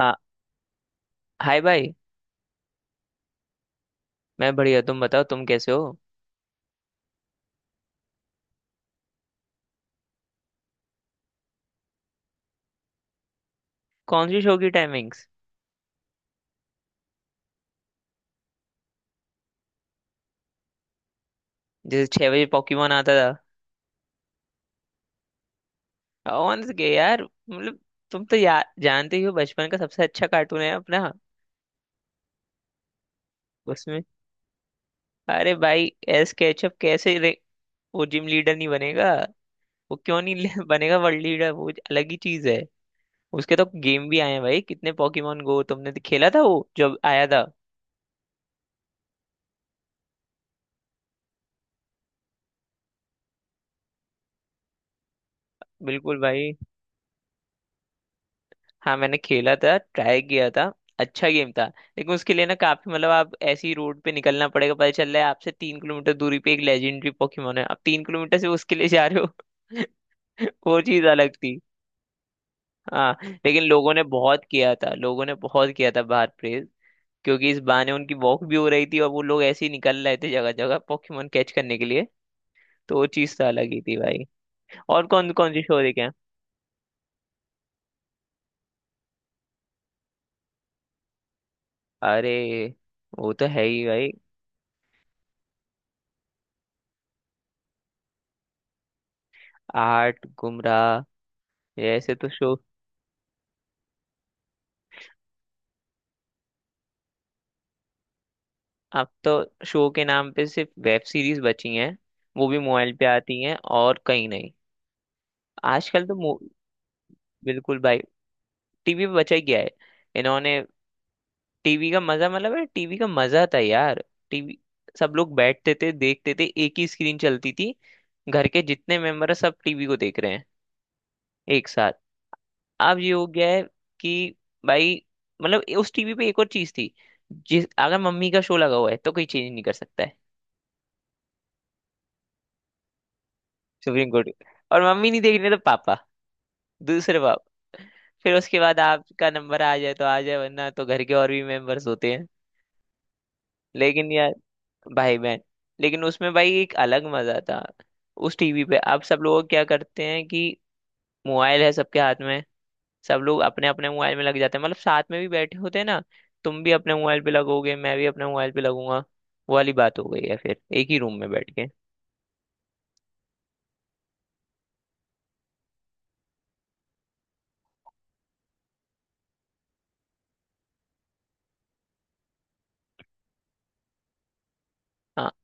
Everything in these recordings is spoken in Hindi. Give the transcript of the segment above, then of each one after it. हाँ। हाय भाई। मैं बढ़िया। तुम बताओ, तुम कैसे हो? कौन सी शो की टाइमिंग्स? जैसे 6 बजे पॉकीमोन आता था। कौन से के यार? मतलब तुम तो जानते ही हो, बचपन का सबसे अच्छा कार्टून है अपना। उसमें अरे भाई, एस केचप कैसे रे, वो जिम लीडर नहीं बनेगा। वो क्यों नहीं बनेगा वर्ल्ड लीडर, वो अलग ही चीज है। उसके तो गेम भी आए हैं भाई, कितने। पॉकीमोन गो तुमने तो खेला था वो जब आया था। बिल्कुल भाई। हाँ, मैंने खेला था, ट्राई किया था। अच्छा गेम था, लेकिन उसके लिए ना काफी मतलब आप ऐसी रोड पे निकलना पड़ेगा। पता चल रहा है आपसे 3 किलोमीटर दूरी पे एक लेजेंडरी पोकेमोन है, आप 3 किलोमीटर से उसके लिए जा रहे हो। वो चीज अलग थी। हाँ, लेकिन लोगों ने बहुत किया था, लोगों ने बहुत किया था बाहर प्रेज। क्योंकि इस बहाने उनकी वॉक भी हो रही थी और वो लोग ऐसे ही निकल रहे थे जगह जगह पोकेमोन कैच करने के लिए। तो वो चीज तो अलग ही थी भाई। और कौन कौन सी शो देखे हैं? अरे वो तो है ही भाई, आर्ट गुमराह। ये ऐसे तो शो। अब तो शो के नाम पे सिर्फ वेब सीरीज बची हैं। वो भी मोबाइल पे आती हैं और कहीं नहीं। आजकल तो बिल्कुल भाई, टीवी पे बचा ही गया है इन्होंने। टीवी का मजा मतलब है, टीवी का मजा था यार। टीवी। सब लोग बैठते थे, देखते थे, एक ही स्क्रीन चलती थी। घर के जितने मेंबर है सब टीवी को देख रहे हैं एक साथ। अब ये हो गया है कि भाई, मतलब उस टीवी पे एक और चीज थी, जिस अगर मम्मी का शो लगा हुआ है तो कोई चेंज नहीं कर सकता है। Supreme court. और मम्मी नहीं देख रही है तो पापा, दूसरे बाप। फिर उसके बाद आपका नंबर आ जाए तो आ जाए, वरना तो घर के और भी मेंबर्स होते हैं। लेकिन यार, भाई बहन। लेकिन उसमें भाई एक अलग मजा था उस टीवी पे। अब सब लोग क्या करते हैं कि मोबाइल है सबके हाथ में, सब लोग अपने अपने मोबाइल में लग जाते हैं, मतलब साथ में भी बैठे होते हैं ना। तुम भी अपने मोबाइल पे लगोगे, मैं भी अपने मोबाइल पे लगूंगा, वो वाली बात हो गई है फिर एक ही रूम में बैठ के। हाँ,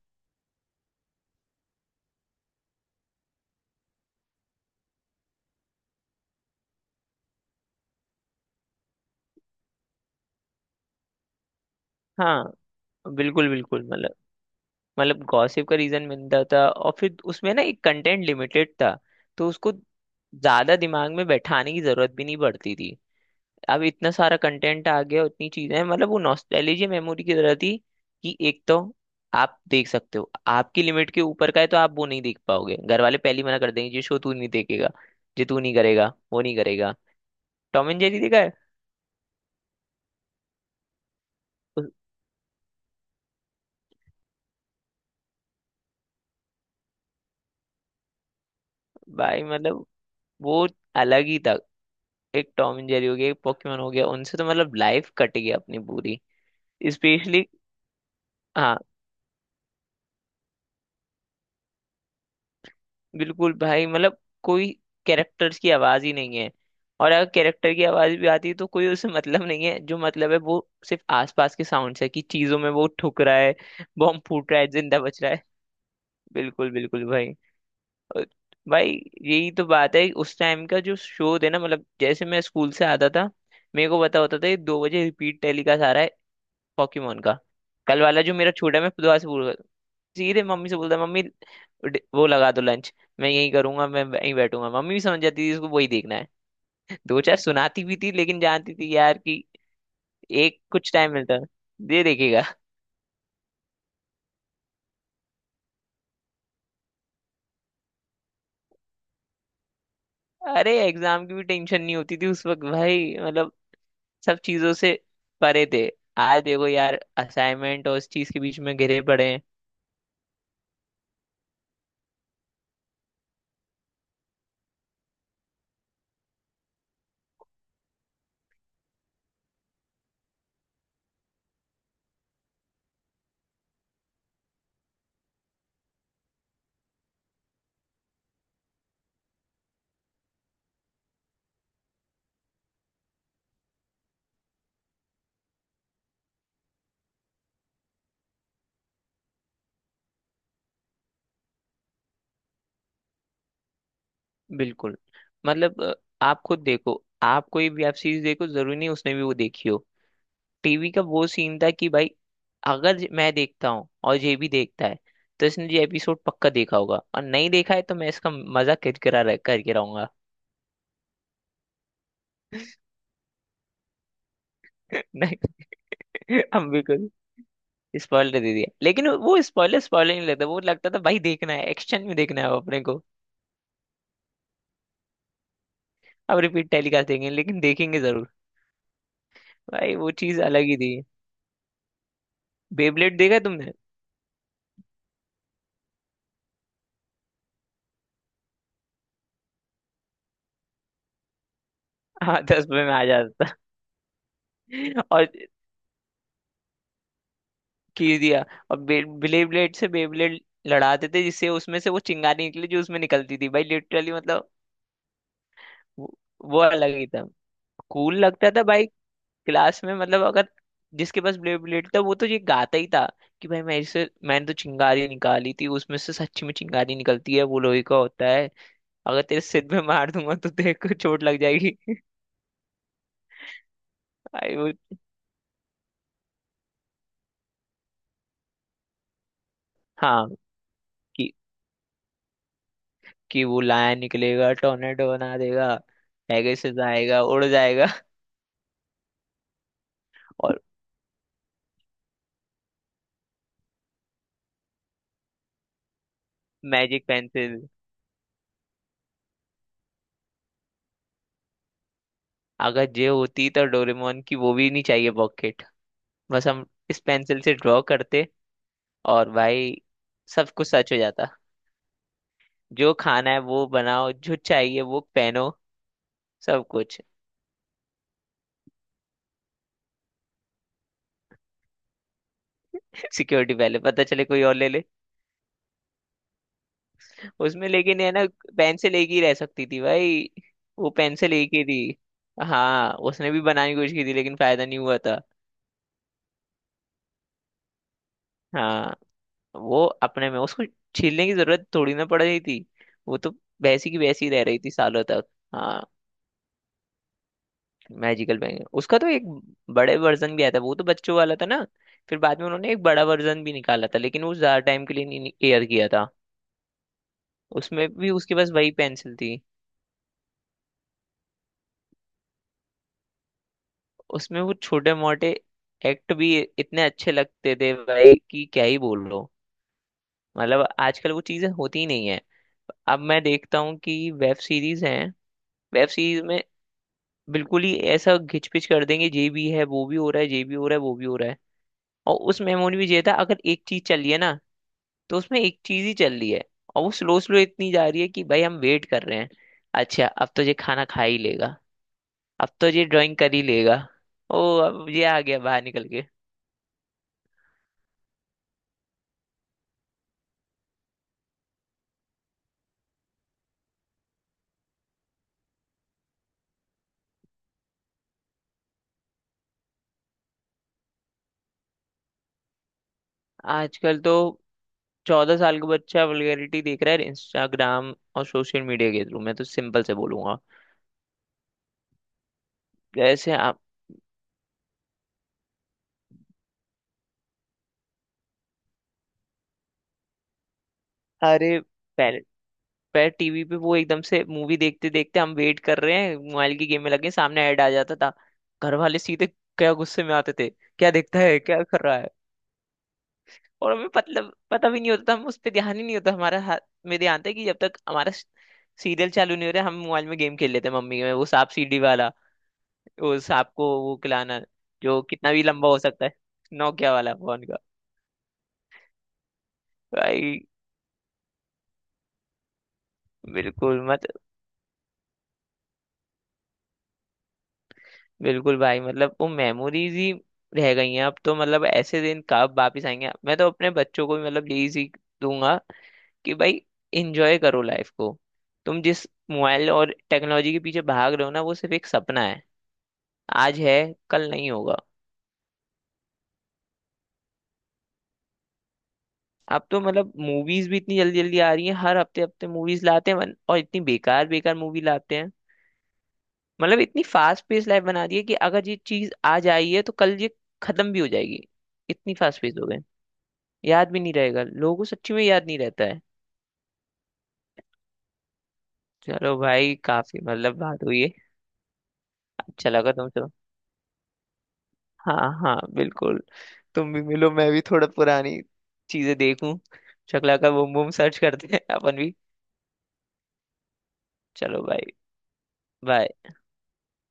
हाँ, बिल्कुल, बिल्कुल, मतलब गॉसिप का रीजन मिलता था, और फिर उसमें ना एक कंटेंट लिमिटेड था। तो उसको ज्यादा दिमाग में बैठाने की जरूरत भी नहीं पड़ती थी। अब इतना सारा कंटेंट आ गया, उतनी चीजें हैं, मतलब वो नॉस्टैल्जिया मेमोरी की तरह थी। कि एक तो आप देख सकते हो, आपकी लिमिट के ऊपर का है तो आप वो नहीं देख पाओगे, घर वाले पहले ही मना कर देंगे ये शो तू नहीं देखेगा। ये तू नहीं करेगा, वो नहीं करेगा। टॉम एंड जेरी देखा है? उस- भाई मतलब वो अलग ही था। एक टॉम एंड जेरी हो गया, एक पोकेमोन हो गया, उनसे तो मतलब लाइफ कट गई अपनी पूरी। स्पेशली। हाँ, बिल्कुल भाई, मतलब कोई कैरेक्टर्स की आवाज ही नहीं है। और अगर कैरेक्टर की आवाज भी आती है तो कोई उससे मतलब नहीं है, जो मतलब है वो सिर्फ आसपास के साउंड है कि चीजों में वो ठुक रहा है। बॉम्ब फूट रहा है, जिंदा बच रहा है। बिल्कुल, बिल्कुल भाई। और भाई यही तो बात है उस टाइम का, जो शो थे ना, मतलब जैसे मैं स्कूल से आता था। मेरे को पता होता था ये 2 बजे रिपीट टेलीकास्ट आ रहा है, पॉकीमोन का। कल वाला जो मेरा छोटा, मैं दोबारा से सीधे मम्मी से बोलता मम्मी, वो लगा दो लंच। मैं यही करूंगा, मैं यहीं बैठूंगा, मम्मी भी समझ जाती थी इसको वही देखना है। दो चार सुनाती भी थी, लेकिन जानती थी यार कि एक कुछ टाइम मिलता है, दे देखेगा। अरे, एग्जाम की भी टेंशन नहीं होती थी उस वक्त भाई, मतलब सब चीजों से परे थे। आज देखो यार, असाइनमेंट और इस चीज के बीच में घिरे पड़े हैं। बिल्कुल, मतलब आप खुद देखो, आप कोई भी आप चीज देखो, जरूरी नहीं उसने भी वो देखी हो। टीवी का वो सीन था कि भाई, अगर मैं देखता हूँ और ये भी देखता है। तो इसने ये एपिसोड पक्का देखा होगा, और नहीं देखा है तो मैं इसका मजा किरकिरा करके रहूंगा। नहीं। हम बिल्कुल स्पॉइलर दे दिया, लेकिन वो स्पॉइलर स्पॉइलर नहीं लगता, वो लगता था भाई देखना है, एक्शन में देखना है अब अपने को। अब रिपीट टेलीकास्ट देंगे, लेकिन देखेंगे जरूर। भाई वो चीज अलग ही थी। बेबलेट देखा है तुमने? हाँ, 10 रुपये में आ जाता था। और खींच दिया और ब्लेड ब्लेड से बेब्लेड लड़ाते थे, जिससे उसमें से वो चिंगारी निकली, जो उसमें निकलती थी भाई, लिटरली मतलब। वो वो अलग ही था। कूल लगता था भाई, क्लास में मतलब अगर जिसके पास ब्लेड ब्लेड था वो तो ये गाता ही था। कि भाई, मैंने तो चिंगारी निकाली थी उसमें से, सच्ची में चिंगारी निकलती है, वो लोहे का होता है। अगर तेरे सिर में मार दूंगा तो तेरे को चोट लग जाएगी। भाई वो, हाँ, कि, कि वो लाया निकलेगा, टोर्नेडो बना देगा। पेगासस आएगा, उड़ जाएगा। Magic pencil. अगर जे होती तो डोरेमोन की वो भी नहीं चाहिए, पॉकेट। बस हम इस पेंसिल से ड्रॉ करते और भाई सब कुछ सच हो जाता। जो खाना है वो बनाओ, जो चाहिए वो पहनो, सब कुछ। सिक्योरिटी पहले, पता चले कोई और ले ले। उसमें लेकिन है ना, पेंसिल एक ही रह सकती थी भाई। वो पेंसिल एक ही थी। हाँ, उसने भी बनाने की कोशिश की थी लेकिन फायदा नहीं हुआ था। हाँ, वो अपने में उसको छीलने की जरूरत थोड़ी ना पड़ रही थी। वो तो वैसी की वैसी रह रही थी सालों तक। हाँ, मैजिकल बैंगन, उसका तो एक बड़े वर्जन भी आया था, वो तो बच्चों वाला था ना। फिर बाद में उन्होंने एक बड़ा वर्जन भी निकाला था, लेकिन वो ज्यादा टाइम के लिए नहीं एयर किया था। उसमें भी उसके पास वही पेंसिल थी। उसमें वो छोटे मोटे एक्ट भी इतने अच्छे लगते थे भाई कि क्या ही बोल लो। मतलब आजकल वो चीजें होती ही नहीं है। अब मैं देखता हूँ कि वेब सीरीज हैं, वेब सीरीज में बिल्कुल ही ऐसा घिचपिच कर देंगे, ये भी है, वो भी हो रहा है, ये भी हो रहा है, वो भी हो रहा है। और उस मेमोरी में ये था अगर एक चीज चल रही है ना, तो उसमें एक चीज ही चल रही है। और वो स्लो स्लो इतनी जा रही है कि भाई हम वेट कर रहे हैं। अच्छा, अब तो ये खाना खा ही लेगा, अब तो ये ड्राइंग कर ही लेगा, ओ अब ये आ गया बाहर निकल के। आजकल तो 14 साल का बच्चा वल्गैरिटी देख रहा है इंस्टाग्राम और सोशल मीडिया के थ्रू, मैं तो सिंपल से बोलूंगा। जैसे आप, अरे, पहले पर टीवी पे वो एकदम से मूवी देखते देखते, हम वेट कर रहे हैं मोबाइल की गेम में लगे, सामने ऐड आ जाता था। घर वाले सीधे क्या गुस्से में आते थे, क्या देखता है, क्या कर रहा है। और हमें मतलब पता भी नहीं होता था, हम उस पर ध्यान ही नहीं होता, हमारा हाथ में ध्यान था कि जब तक हमारा सीरियल चालू नहीं हो रहा, हम मोबाइल में गेम खेल लेते हैं मम्मी में, वो सांप सीढ़ी वाला। वो सांप को वो खिलाना, जो कितना भी लंबा हो सकता है, नोकिया वाला फोन का। भाई। बिल्कुल मत बिल्कुल भाई, मतलब वो मेमोरीज ही रह गई हैं। अब तो मतलब ऐसे दिन कब वापिस आएंगे? मैं तो अपने बच्चों को भी मतलब यही सीख दूंगा कि भाई एंजॉय करो लाइफ को। तुम जिस मोबाइल और टेक्नोलॉजी के पीछे भाग रहे हो ना, वो सिर्फ एक सपना है, आज है कल नहीं होगा। अब तो मतलब मूवीज भी इतनी जल्दी जल्दी आ रही हैं, हर हफ्ते हफ्ते मूवीज लाते हैं, और इतनी बेकार बेकार मूवी लाते हैं। मतलब इतनी फास्ट पेस लाइफ बना दी है कि अगर ये चीज आज आई है तो कल ये खत्म भी हो जाएगी। इतनी फास्ट पेस हो गए, याद भी नहीं रहेगा लोगों को, सच्ची में याद नहीं रहता है। चलो भाई, काफी मतलब बात हुई है, अच्छा लगा तुमसे। हाँ, हाँ, बिल्कुल, तुम भी मिलो, मैं भी थोड़ा पुरानी चीजें देखूं। शक्ला का बूम बूम सर्च करते हैं अपन भी। चलो भाई, बाय।